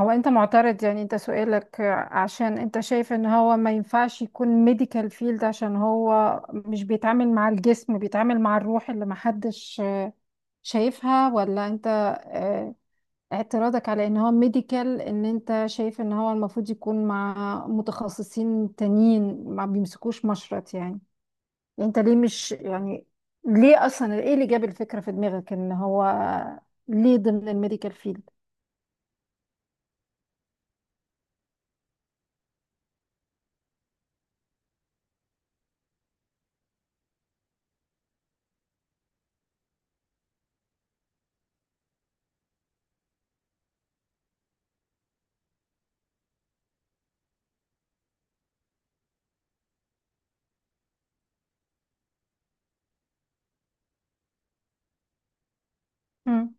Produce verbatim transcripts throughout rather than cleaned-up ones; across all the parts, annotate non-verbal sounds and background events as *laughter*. هو انت معترض؟ يعني انت سؤالك عشان انت شايف ان هو ما ينفعش يكون ميديكال فيلد، عشان هو مش بيتعامل مع الجسم، بيتعامل مع الروح اللي محدش شايفها؟ ولا انت اه، اعتراضك على ان هو ميديكال ان انت شايف ان هو المفروض يكون مع متخصصين تانيين ما بيمسكوش مشرط، يعني؟ انت ليه؟ مش يعني ليه اصلا؟ ايه اللي جاب الفكرة في دماغك ان هو ليه ضمن الميديكال فيلد؟ مم.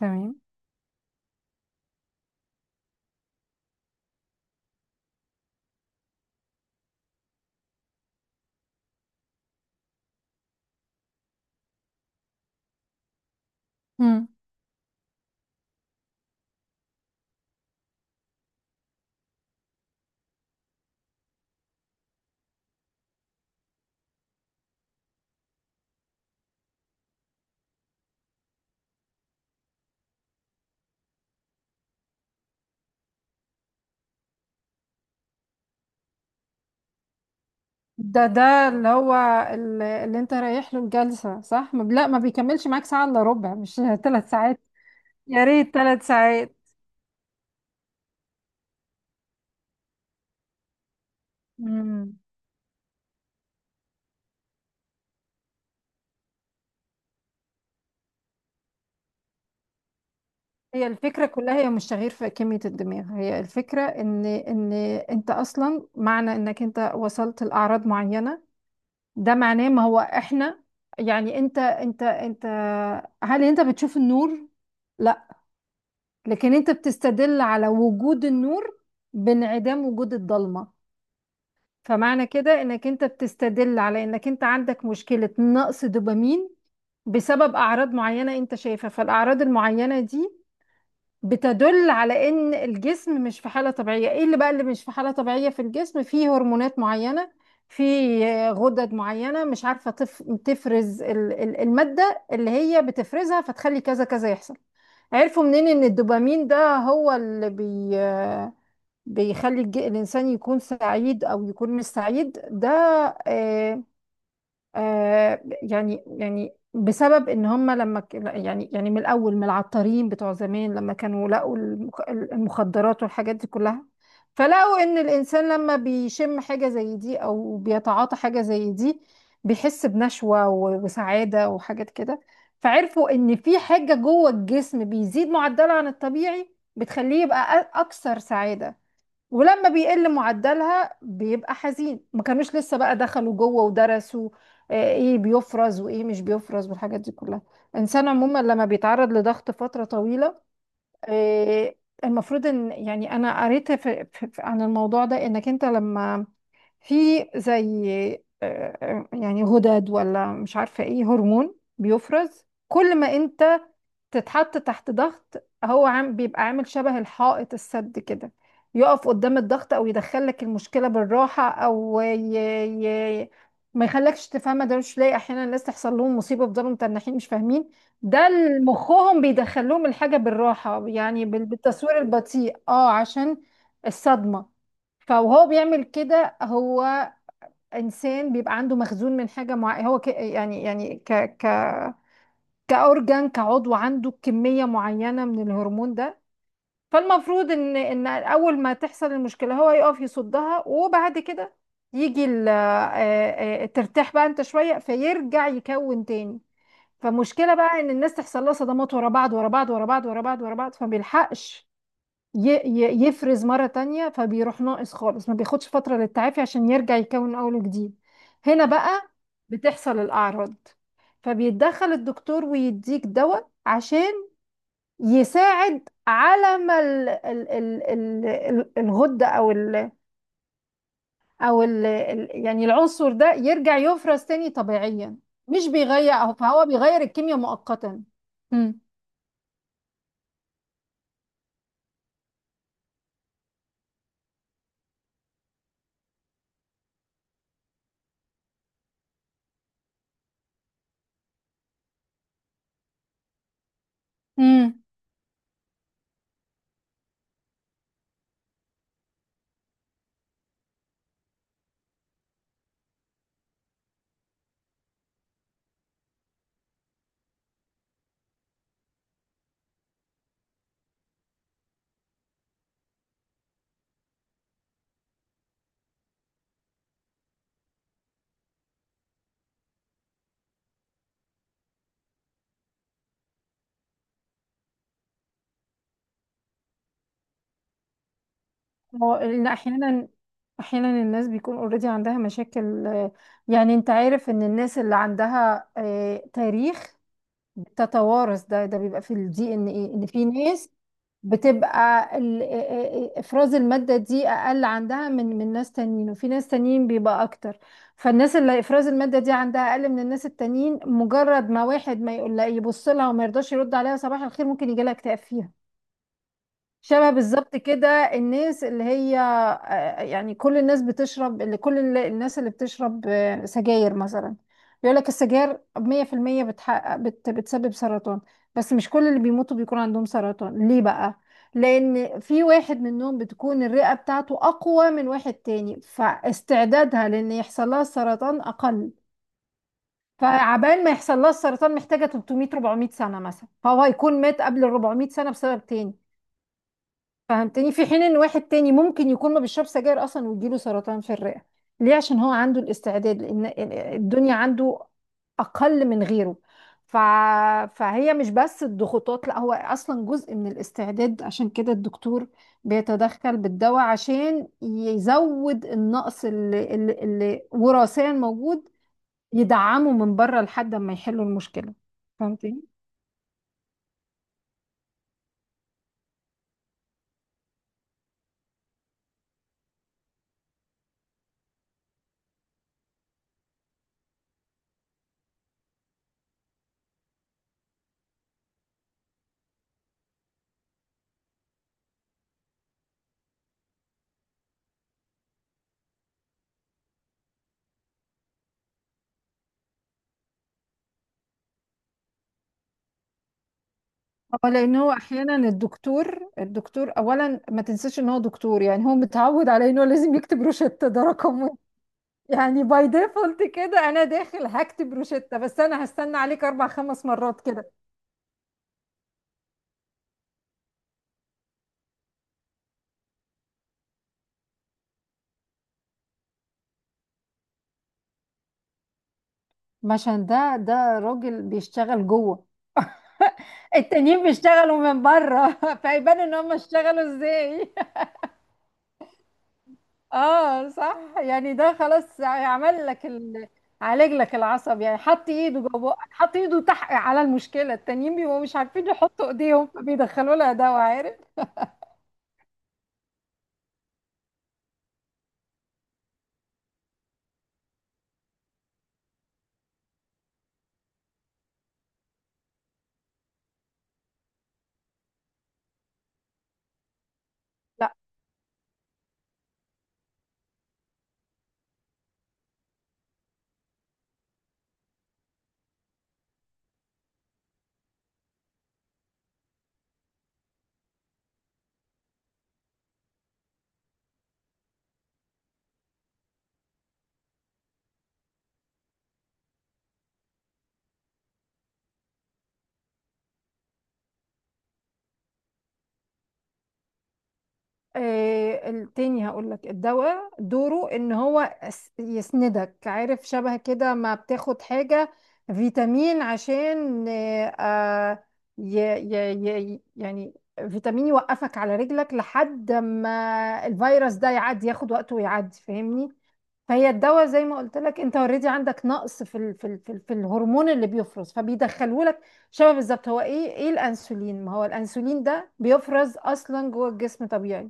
تمام. تمام ده ده اللي هو ال- اللي انت رايح له الجلسة، صح؟ ما- لا ما بيكملش معاك ساعة الا ربع، مش *laughs* ثلاث ساعات. يا ريت ثلاث ساعات. مم. هي الفكرة كلها هي مش تغيير في كمية الدماغ، هي الفكرة ان ان انت اصلا، معنى انك انت وصلت لأعراض معينة، ده معناه، ما هو احنا، يعني انت انت انت، هل انت بتشوف النور؟ لا. لكن انت بتستدل على وجود النور بانعدام وجود الضلمة. فمعنى كده انك انت بتستدل على انك انت عندك مشكلة نقص دوبامين بسبب اعراض معينة انت شايفها. فالاعراض المعينة دي بتدل على ان الجسم مش في حالة طبيعية. ايه اللي بقى اللي مش في حالة طبيعية في الجسم؟ فيه هرمونات معينة، في غدد معينة مش عارفة تف... تفرز ال... ال- المادة اللي هي بتفرزها، فتخلي كذا كذا يحصل. عرفوا منين ان الدوبامين ده هو اللي بي بيخلي الج- الإنسان يكون سعيد أو يكون مش سعيد؟ ده آه آه يعني يعني بسبب إن هم لما ك- يعني يعني من الأول، من العطارين بتوع زمان، لما كانوا لقوا المخ- المخدرات والحاجات دي كلها، فلقوا إن الإنسان لما بيشم حاجة زي دي أو بيتعاطى حاجة زي دي، بيحس بنشوة و- وسعادة وحاجات كده. فعرفوا إن في حاجة جوه الجسم بيزيد معدله عن الطبيعي بتخليه يبقى أ- أكثر سعادة، ولما بيقل معدلها بيبقى حزين. ما كانوش لسه بقى دخلوا جوه ودرسوا آه، ايه بيفرز وايه مش بيفرز والحاجات دي كلها. الانسان عموما لما بيتعرض لضغط فترة طويلة، آه، المفروض ان، يعني انا قريت في في- في- عن الموضوع ده، انك انت لما في زي آه، آه، يعني غدد ولا مش عارفة ايه، هرمون بيفرز كل ما انت تتحط تحت ضغط، هو عام بيبقى عامل شبه الحائط السد كده، يقف قدام الضغط او يدخل لك المشكله بالراحه، او ي... ي... ما يخلكش تفهمها. ده مش لاقي احيانا الناس تحصل لهم مصيبه بيفضلوا متنحين مش فاهمين؟ ده ال- مخهم بيدخلهم الحاجه بالراحه، يعني بال- بالتصوير البطيء، اه، عشان الصدمه. فهو بيعمل كده. هو انسان بيبقى عنده مخزون من حاجه معينه، هو ك... يعني يعني ك... ك... كأورجان، كعضو، عنده كمية معينة من الهرمون ده. فالمفروض ان ان اول ما تحصل المشكلة هو يقف يصدها، وبعد كده يجي ال- آه، آه، آه، ترتاح بقى انت شوية، فيرجع يكون تاني. فمشكلة بقى ان الناس تحصل لها صدمات ورا بعض ورا بعض ورا بعض ورا بعض ورا بعض، فما بيلحقش ي- ي- يفرز مرة تانية، فبيروح ناقص خالص، ما بياخدش فترة للتعافي عشان يرجع يكون من أول وجديد. هنا بقى بتحصل الأعراض. فبيتدخل الدكتور ويديك دواء عشان يساعد على ما ال ال ال ال ال- الغدة، أو ال أو ال ال- يعني العنصر ده يرجع يفرز تاني طبيعيا. مش بيغير، فهو بيغير الكيمياء مؤقتا. مم. هو لان احيانا، احيانا الناس بيكون اوريدي عندها مشاكل، آه، يعني انت عارف ان الناس اللي عندها آه، تاريخ بتتوارث، ده ده بيبقى في الدي ان ايه، ان في ناس بتبقى ال- آه، آه، آه، افراز المادة دي اقل عندها من من ناس تانيين، وفي ناس تانيين بيبقى اكتر. فالناس اللي افراز المادة دي عندها اقل من الناس التانيين، مجرد ما واحد ما يقول لها، يبص لها وما يرضاش يرد عليها صباح الخير، ممكن يجي لها اكتئاب فيها، شبه بالظبط كده. الناس اللي هي آه، يعني كل الناس بتشرب، اللي كل ال- الناس اللي بتشرب آه، سجاير مثلا، بيقول لك السجاير مية في المية بتحقق بت بتسبب سرطان، بس مش كل اللي بيموتوا بيكون عندهم سرطان. ليه بقى؟ لأن في واحد منهم بتكون الرئة بتاعته أقوى من واحد تاني، فاستعدادها لأن يحصل لها السرطان أقل. فعبال ما يحصل لها السرطان محتاجة ثلاث مئة اربعمية سنة مثلا، فهو هيكون مات قبل ال اربعمية سنة بسبب تاني، فهمتني؟ في حين ان واحد تاني ممكن يكون ما بيشرب سجاير اصلا ويجيله سرطان في الرئة. ليه؟ عشان هو عنده الاستعداد لان الدنيا عنده اقل من غيره. ف... فهي مش بس الضغوطات، لا، هو اصلا جزء من الاستعداد. عشان كده الدكتور بيتدخل بالدواء عشان يزود النقص اللي, اللي, اللي وراثيا موجود، يدعمه من بره لحد ما يحلوا المشكلة، فهمتني؟ اه، لان هو احيانا الدكتور، الدكتور اولا ما تنساش ان هو دكتور، يعني هو متعود على انه لازم يكتب روشتة، ده رقم واحد. يعني باي ديفولت كده، انا داخل هكتب روشتة، بس انا هستنى عليك اربع خمس مرات كده. عشان ده ده راجل بيشتغل جوه، التانيين بيشتغلوا من بره *laughs* فيبان ان هم اشتغلوا ازاي. اه صح. يعني ده خلاص عمل لك ال... عالج لك العصب، يعني حط ايده جوه بقك، حط ايده تحت على المشكله. التانيين بيبقوا مش عارفين يحطوا ايديهم، فبيدخلوا لها دواء، عارف. لا، إيه التاني؟ هقول لك الدواء دوره ان هو يس- يسندك، عارف؟ شبه كده ما بتاخد حاجه فيتامين عشان إيه، آه ي... ي... ي... يعني فيتامين يوقفك على رجلك لحد ما الفيروس ده يعدي، ياخد وقته ويعدي، فاهمني؟ فهي الدواء، زي ما قلت لك، انت اوريدي عندك نقص في ال في ال في, ال في الهرمون اللي بيفرز، فبيدخلوا لك، شبه بالظبط. هو ايه ايه الانسولين؟ ما هو الانسولين ده بيفرز اصلا جوه الجسم طبيعي،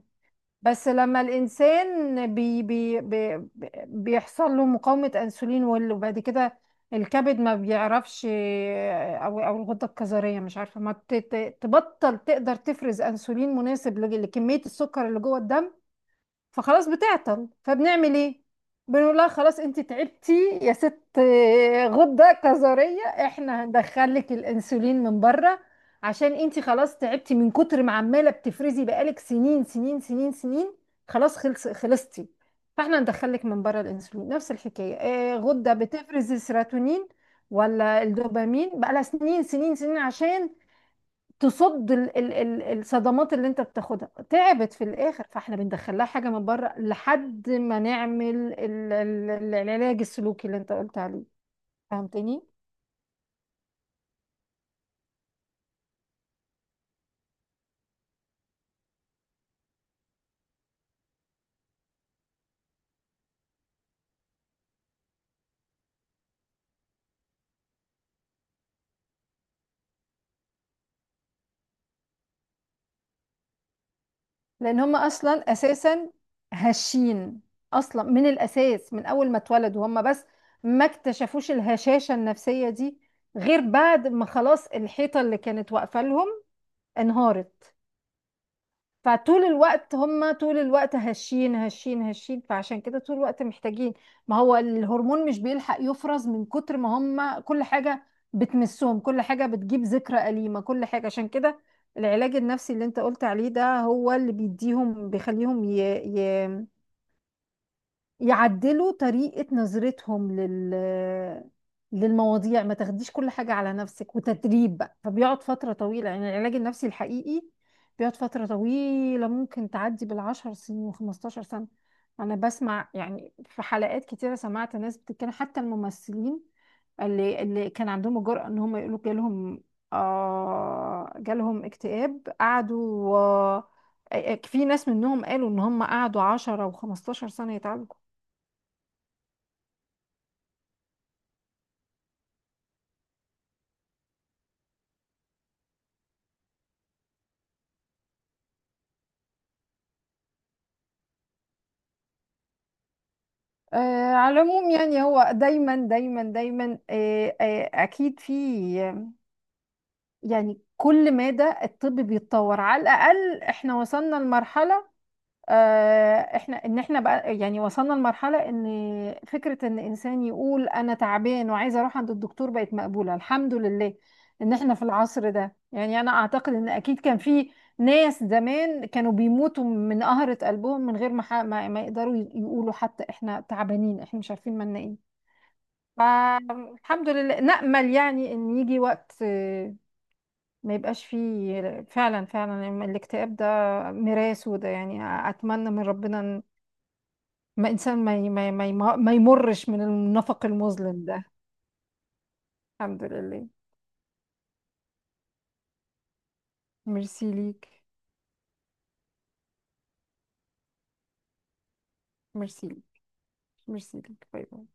بس لما الانسان بي بي بي بي- بيحصل له مقاومة انسولين، وال- وبعد كده الكبد ما بيعرفش، او او الغدة الكظرية مش عارفة، ما ت- ت- تبطل تقدر تفرز انسولين مناسب لج- لكمية السكر اللي جوه الدم، فخلاص بتعطل. فبنعمل ايه؟ بنقول لها خلاص انت تعبتي يا ست آه، غدة كظرية، احنا هندخل لك الانسولين من بره عشان انت خلاص تعبتي من كتر ما عمالة بتفرزي، بقالك سنين سنين سنين سنين، خلاص، خلص خلصتي. فاحنا هندخل لك من بره الانسولين. نفس الحكاية، آه، غدة بتفرز السيروتونين ولا الدوبامين بقالها سنين سنين سنين عشان تصد ال- ال- ال- الصدمات اللي انت بتاخدها، تعبت في الاخر، فاحنا بندخلها حاجه من بره لحد ما نعمل ال- ال- ال- العلاج السلوكي اللي انت قلت عليه، فهمتني؟ لان هم اصلا اساسا هشين اصلا، من الاساس، من اول ما اتولدوا هم، بس ما اكتشفوش الهشاشه النفسيه دي غير بعد ما خلاص الحيطه اللي كانت واقفه لهم انهارت. فطول الوقت هم، طول الوقت هشين هشين هشين، فعشان كده طول الوقت محتاجين، ما هو الهرمون مش بيلحق يفرز من كتر ما هم، كل حاجة بتمسهم، كل حاجة بتجيب ذكرى أليمة، كل حاجة. عشان كده العلاج النفسي اللي انت قلت عليه ده هو اللي بيديهم، بيخليهم ي... ي... يعدلوا طريقة نظرتهم لل للمواضيع، ما تاخديش كل حاجة على نفسك، وتدريب بقى. فبيقعد فترة طويلة، يعني العلاج النفسي الحقيقي بيقعد فترة طويلة، ممكن تعدي بالعشر سنين وخمستاشر سنة. أنا بسمع يعني في حلقات كتيرة، سمعت ناس بتتكلم، حتى الممثلين اللي اللي كان عندهم الجرأة إن هم يقولوا جالهم آه، جالهم اكتئاب، قعدوا آه آه، في ناس منهم قالوا إن هم قعدوا عشرة وخمستاشر سنة يتعالجوا. آه، على العموم، يعني هو دايما دايما دايما، آه، آه، اكيد في، يعني كل مدى الطب بيتطور. على الاقل احنا وصلنا لمرحله، آه، احنا ان احنا بقى يعني وصلنا لمرحله ان فكره ان انسان يقول انا تعبان وعايز اروح عند الدكتور بقت مقبوله، الحمد لله ان احنا في العصر ده. يعني انا اعتقد ان اكيد كان في ناس زمان كانوا بيموتوا من قهرة قلبهم من غير ما ح- ما ما يقدروا يقولوا حتى احنا تعبانين، احنا مش عارفين مالنا ايه. فالحمد لله، نأمل يعني إن يجي وقت آه، ما يبقاش فيه فعلا، فعلا يعني الاكتئاب ده ميراث وده، يعني أتمنى من ربنا إن ما إنسان ما ي- ما ي- ما ي- ما يمرش من النفق المظلم ده. الحمد لله. ميرسي ليك ميرسي ليك ميرسي ليك، باي باي.